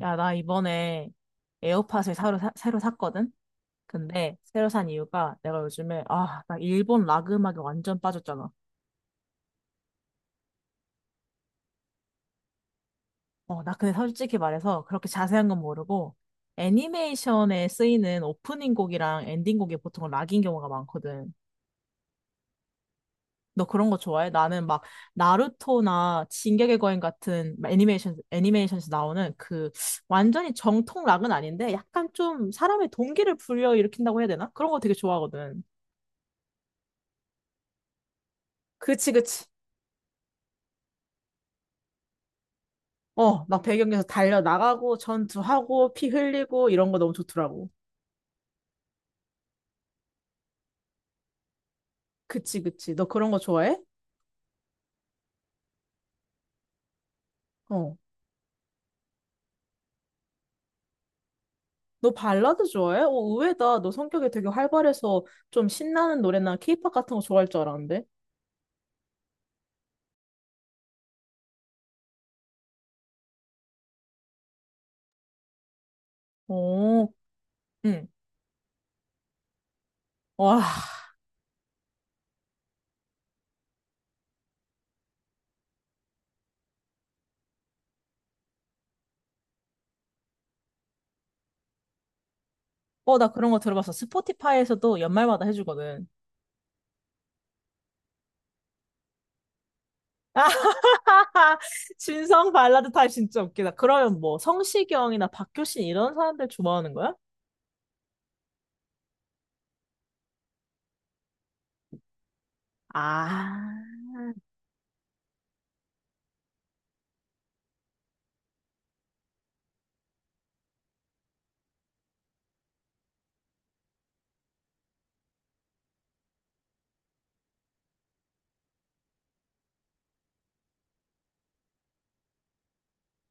야, 나 이번에 에어팟을 새로 샀거든? 근데 새로 산 이유가 내가 요즘에, 나 일본 락 음악에 완전 빠졌잖아. 나 근데 솔직히 말해서 그렇게 자세한 건 모르고 애니메이션에 쓰이는 오프닝 곡이랑 엔딩 곡이 보통 락인 경우가 많거든. 너 그런 거 좋아해? 나는 막 나루토나 진격의 거인 같은 애니메이션에서 나오는 그 완전히 정통 락은 아닌데 약간 좀 사람의 동기를 불러일으킨다고 해야 되나? 그런 거 되게 좋아하거든. 그치, 그치. 어, 막 배경에서 달려 나가고 전투하고 피 흘리고 이런 거 너무 좋더라고. 그치, 그치. 너 그런 거 좋아해? 어. 너 발라드 좋아해? 어, 의외다. 너 성격이 되게 활발해서 좀 신나는 노래나 케이팝 같은 거 좋아할 줄 알았는데. 오, 응. 와. 어, 나 그런 거 들어봤어. 스포티파이에서도 연말마다 해주거든. 진성 발라드 타입 진짜 웃기다. 그러면 뭐 성시경이나 박효신 이런 사람들 좋아하는 거야? 아.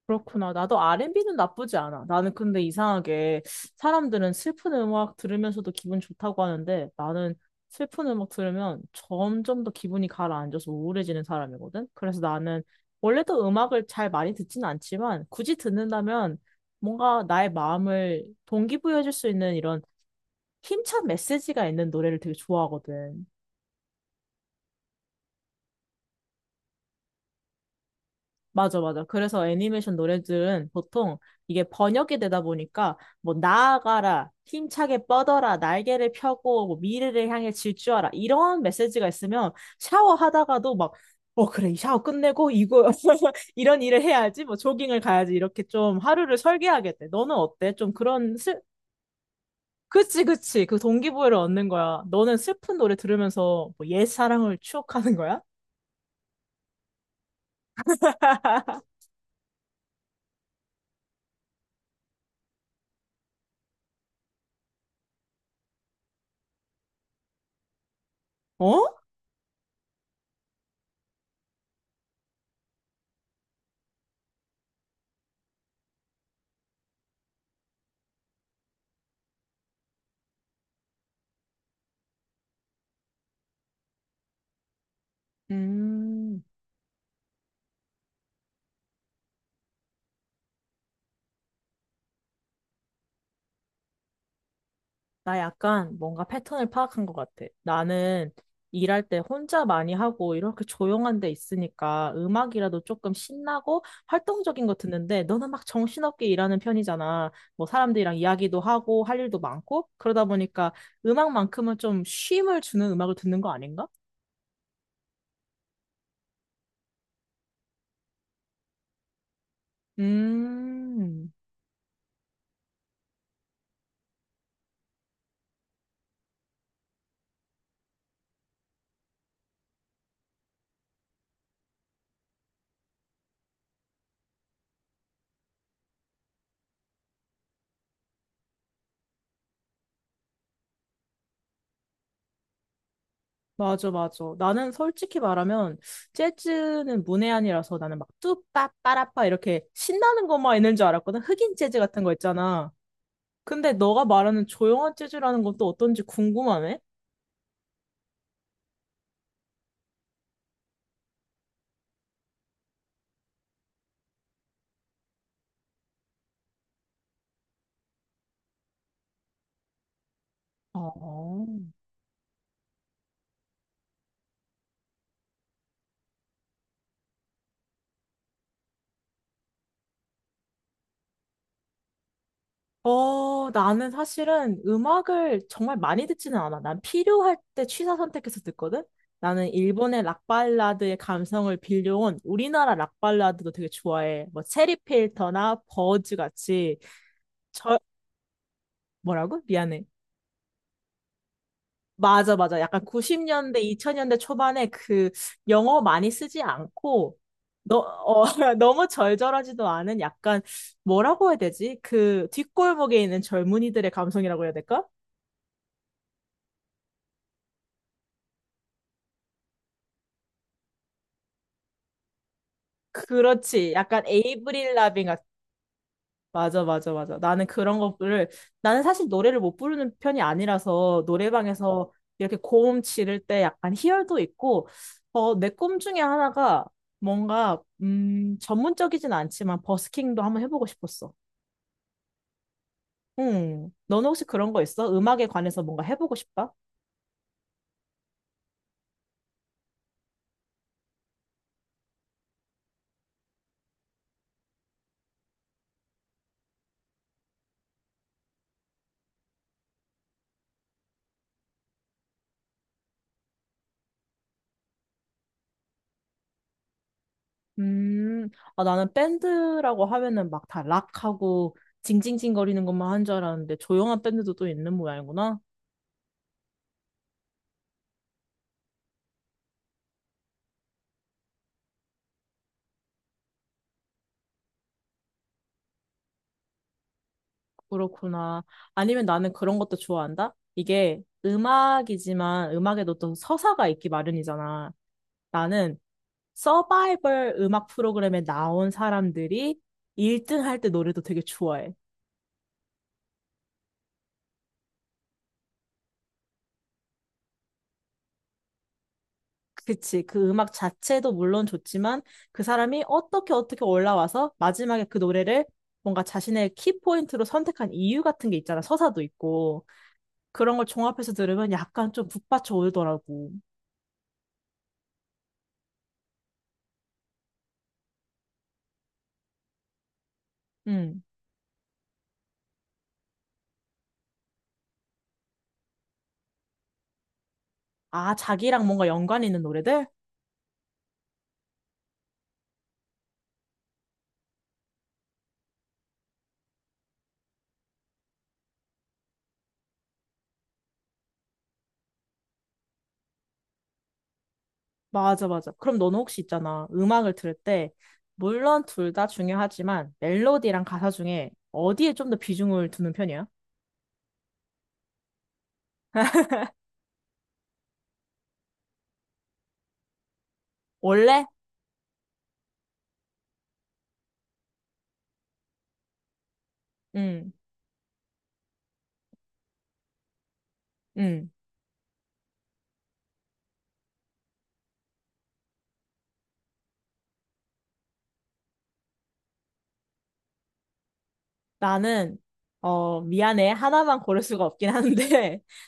그렇구나. 나도 R&B는 나쁘지 않아. 나는 근데 이상하게 사람들은 슬픈 음악 들으면서도 기분 좋다고 하는데 나는 슬픈 음악 들으면 점점 더 기분이 가라앉아서 우울해지는 사람이거든. 그래서 나는 원래도 음악을 잘 많이 듣진 않지만 굳이 듣는다면 뭔가 나의 마음을 동기부여해줄 수 있는 이런 힘찬 메시지가 있는 노래를 되게 좋아하거든. 맞아, 맞아. 그래서 애니메이션 노래들은 보통 이게 번역이 되다 보니까 뭐 나아가라, 힘차게 뻗어라, 날개를 펴고 뭐 미래를 향해 질주하라 이런 메시지가 있으면 샤워하다가도 막 어, 그래, 이 샤워 끝내고 이거 이런 일을 해야지, 뭐 조깅을 가야지 이렇게 좀 하루를 설계하겠대. 너는 어때? 좀 그런 슬 그치, 그치. 그 동기부여를 얻는 거야. 너는 슬픈 노래 들으면서 뭐 옛사랑을 추억하는 거야? 어? 음. 나 약간 뭔가 패턴을 파악한 것 같아. 나는 일할 때 혼자 많이 하고 이렇게 조용한 데 있으니까 음악이라도 조금 신나고 활동적인 거 듣는데 너는 막 정신없게 일하는 편이잖아. 뭐 사람들이랑 이야기도 하고 할 일도 많고 그러다 보니까 음악만큼은 좀 쉼을 주는 음악을 듣는 거 아닌가? 음. 맞아, 맞아. 나는 솔직히 말하면 재즈는 문외한이라서 나는 막 뚜빠 빠라빠 이렇게 신나는 것만 있는 줄 알았거든. 흑인 재즈 같은 거 있잖아. 근데 너가 말하는 조용한 재즈라는 건 또 어떤지 궁금하네? 어, 나는 사실은 음악을 정말 많이 듣지는 않아. 난 필요할 때 취사 선택해서 듣거든? 나는 일본의 락발라드의 감성을 빌려온 우리나라 락발라드도 되게 좋아해. 뭐, 체리 필터나 버즈 같이, 저.. 뭐라고? 미안해. 맞아, 맞아. 약간 90년대, 2000년대 초반에 그 영어 많이 쓰지 않고, 너, 어, 너무 절절하지도 않은 약간, 뭐라고 해야 되지? 그 뒷골목에 있는 젊은이들의 감성이라고 해야 될까? 그렇지. 약간 에이브릴 라빈 맞아, 맞아, 맞아. 나는 그런 거를, 나는 사실 노래를 못 부르는 편이 아니라서 노래방에서 이렇게 고음 지를 때 약간 희열도 있고, 어, 내 꿈 중에 하나가 뭔가, 전문적이진 않지만 버스킹도 한번 해보고 싶었어. 응. 너는 혹시 그런 거 있어? 음악에 관해서 뭔가 해보고 싶다? 음, 나는 밴드라고 하면은 막 다 락하고 징징징거리는 것만 한 줄 알았는데 조용한 밴드도 또 있는 모양이구나. 그렇구나. 아니면 나는 그런 것도 좋아한다? 이게 음악이지만 음악에도 또 서사가 있기 마련이잖아. 나는 서바이벌 음악 프로그램에 나온 사람들이 1등 할 때 노래도 되게 좋아해. 그치. 그 음악 자체도 물론 좋지만 그 사람이 어떻게 어떻게 올라와서 마지막에 그 노래를 뭔가 자신의 키포인트로 선택한 이유 같은 게 있잖아. 서사도 있고. 그런 걸 종합해서 들으면 약간 좀 북받쳐 오더라고. 아, 자기랑 뭔가 연관 있는 노래들? 맞아, 맞아. 그럼 너는 혹시 있잖아. 음악을 들을 때, 물론 둘 다 중요하지만, 멜로디랑 가사 중에 어디에 좀 더 비중을 두는 편이야? 원래? 응, 응. 나는, 미안해. 하나만 고를 수가 없긴 한데,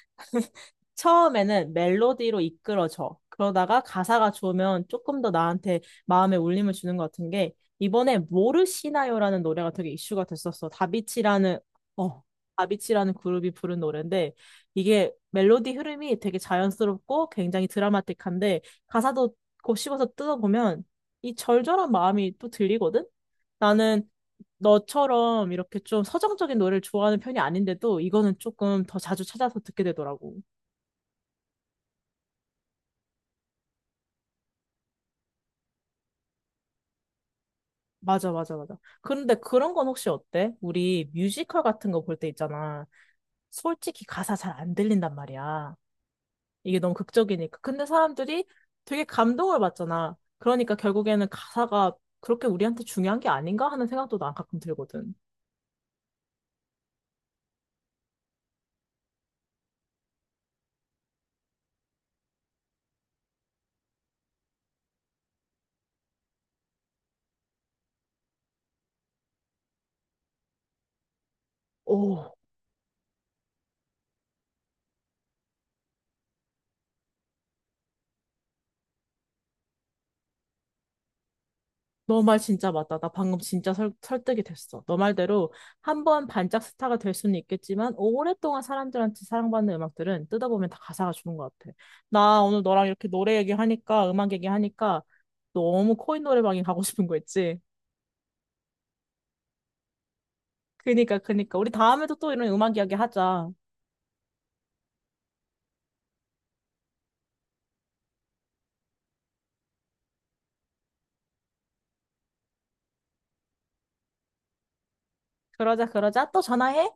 처음에는 멜로디로 이끌어져. 그러다가 가사가 좋으면 조금 더 나한테 마음에 울림을 주는 것 같은 게 이번에 모르시나요라는 노래가 되게 이슈가 됐었어. 어 다비치라는 그룹이 부른 노래인데 이게 멜로디 흐름이 되게 자연스럽고 굉장히 드라마틱한데 가사도 곱씹어서 뜯어보면 이 절절한 마음이 또 들리거든. 나는 너처럼 이렇게 좀 서정적인 노래를 좋아하는 편이 아닌데도 이거는 조금 더 자주 찾아서 듣게 되더라고. 맞아, 맞아, 맞아. 그런데 그런 건 혹시 어때? 우리 뮤지컬 같은 거 볼 때 있잖아. 솔직히 가사 잘 안 들린단 말이야. 이게 너무 극적이니까. 근데 사람들이 되게 감동을 받잖아. 그러니까 결국에는 가사가 그렇게 우리한테 중요한 게 아닌가 하는 생각도 난 가끔 들거든. 오. 너 말 진짜 맞다. 나 방금 진짜 설득이 됐어. 너 말대로 한 번 반짝 스타가 될 수는 있겠지만 오랫동안 사람들한테 사랑받는 음악들은 뜯어보면 다 가사가 주는 것 같아. 나 오늘 너랑 이렇게 노래 얘기하니까 음악 얘기하니까 너무 코인 노래방에 가고 싶은 거 있지? 그니까 그니까 우리 다음에도 또 이런 음악 이야기 하자. 그러자 그러자 또 전화해.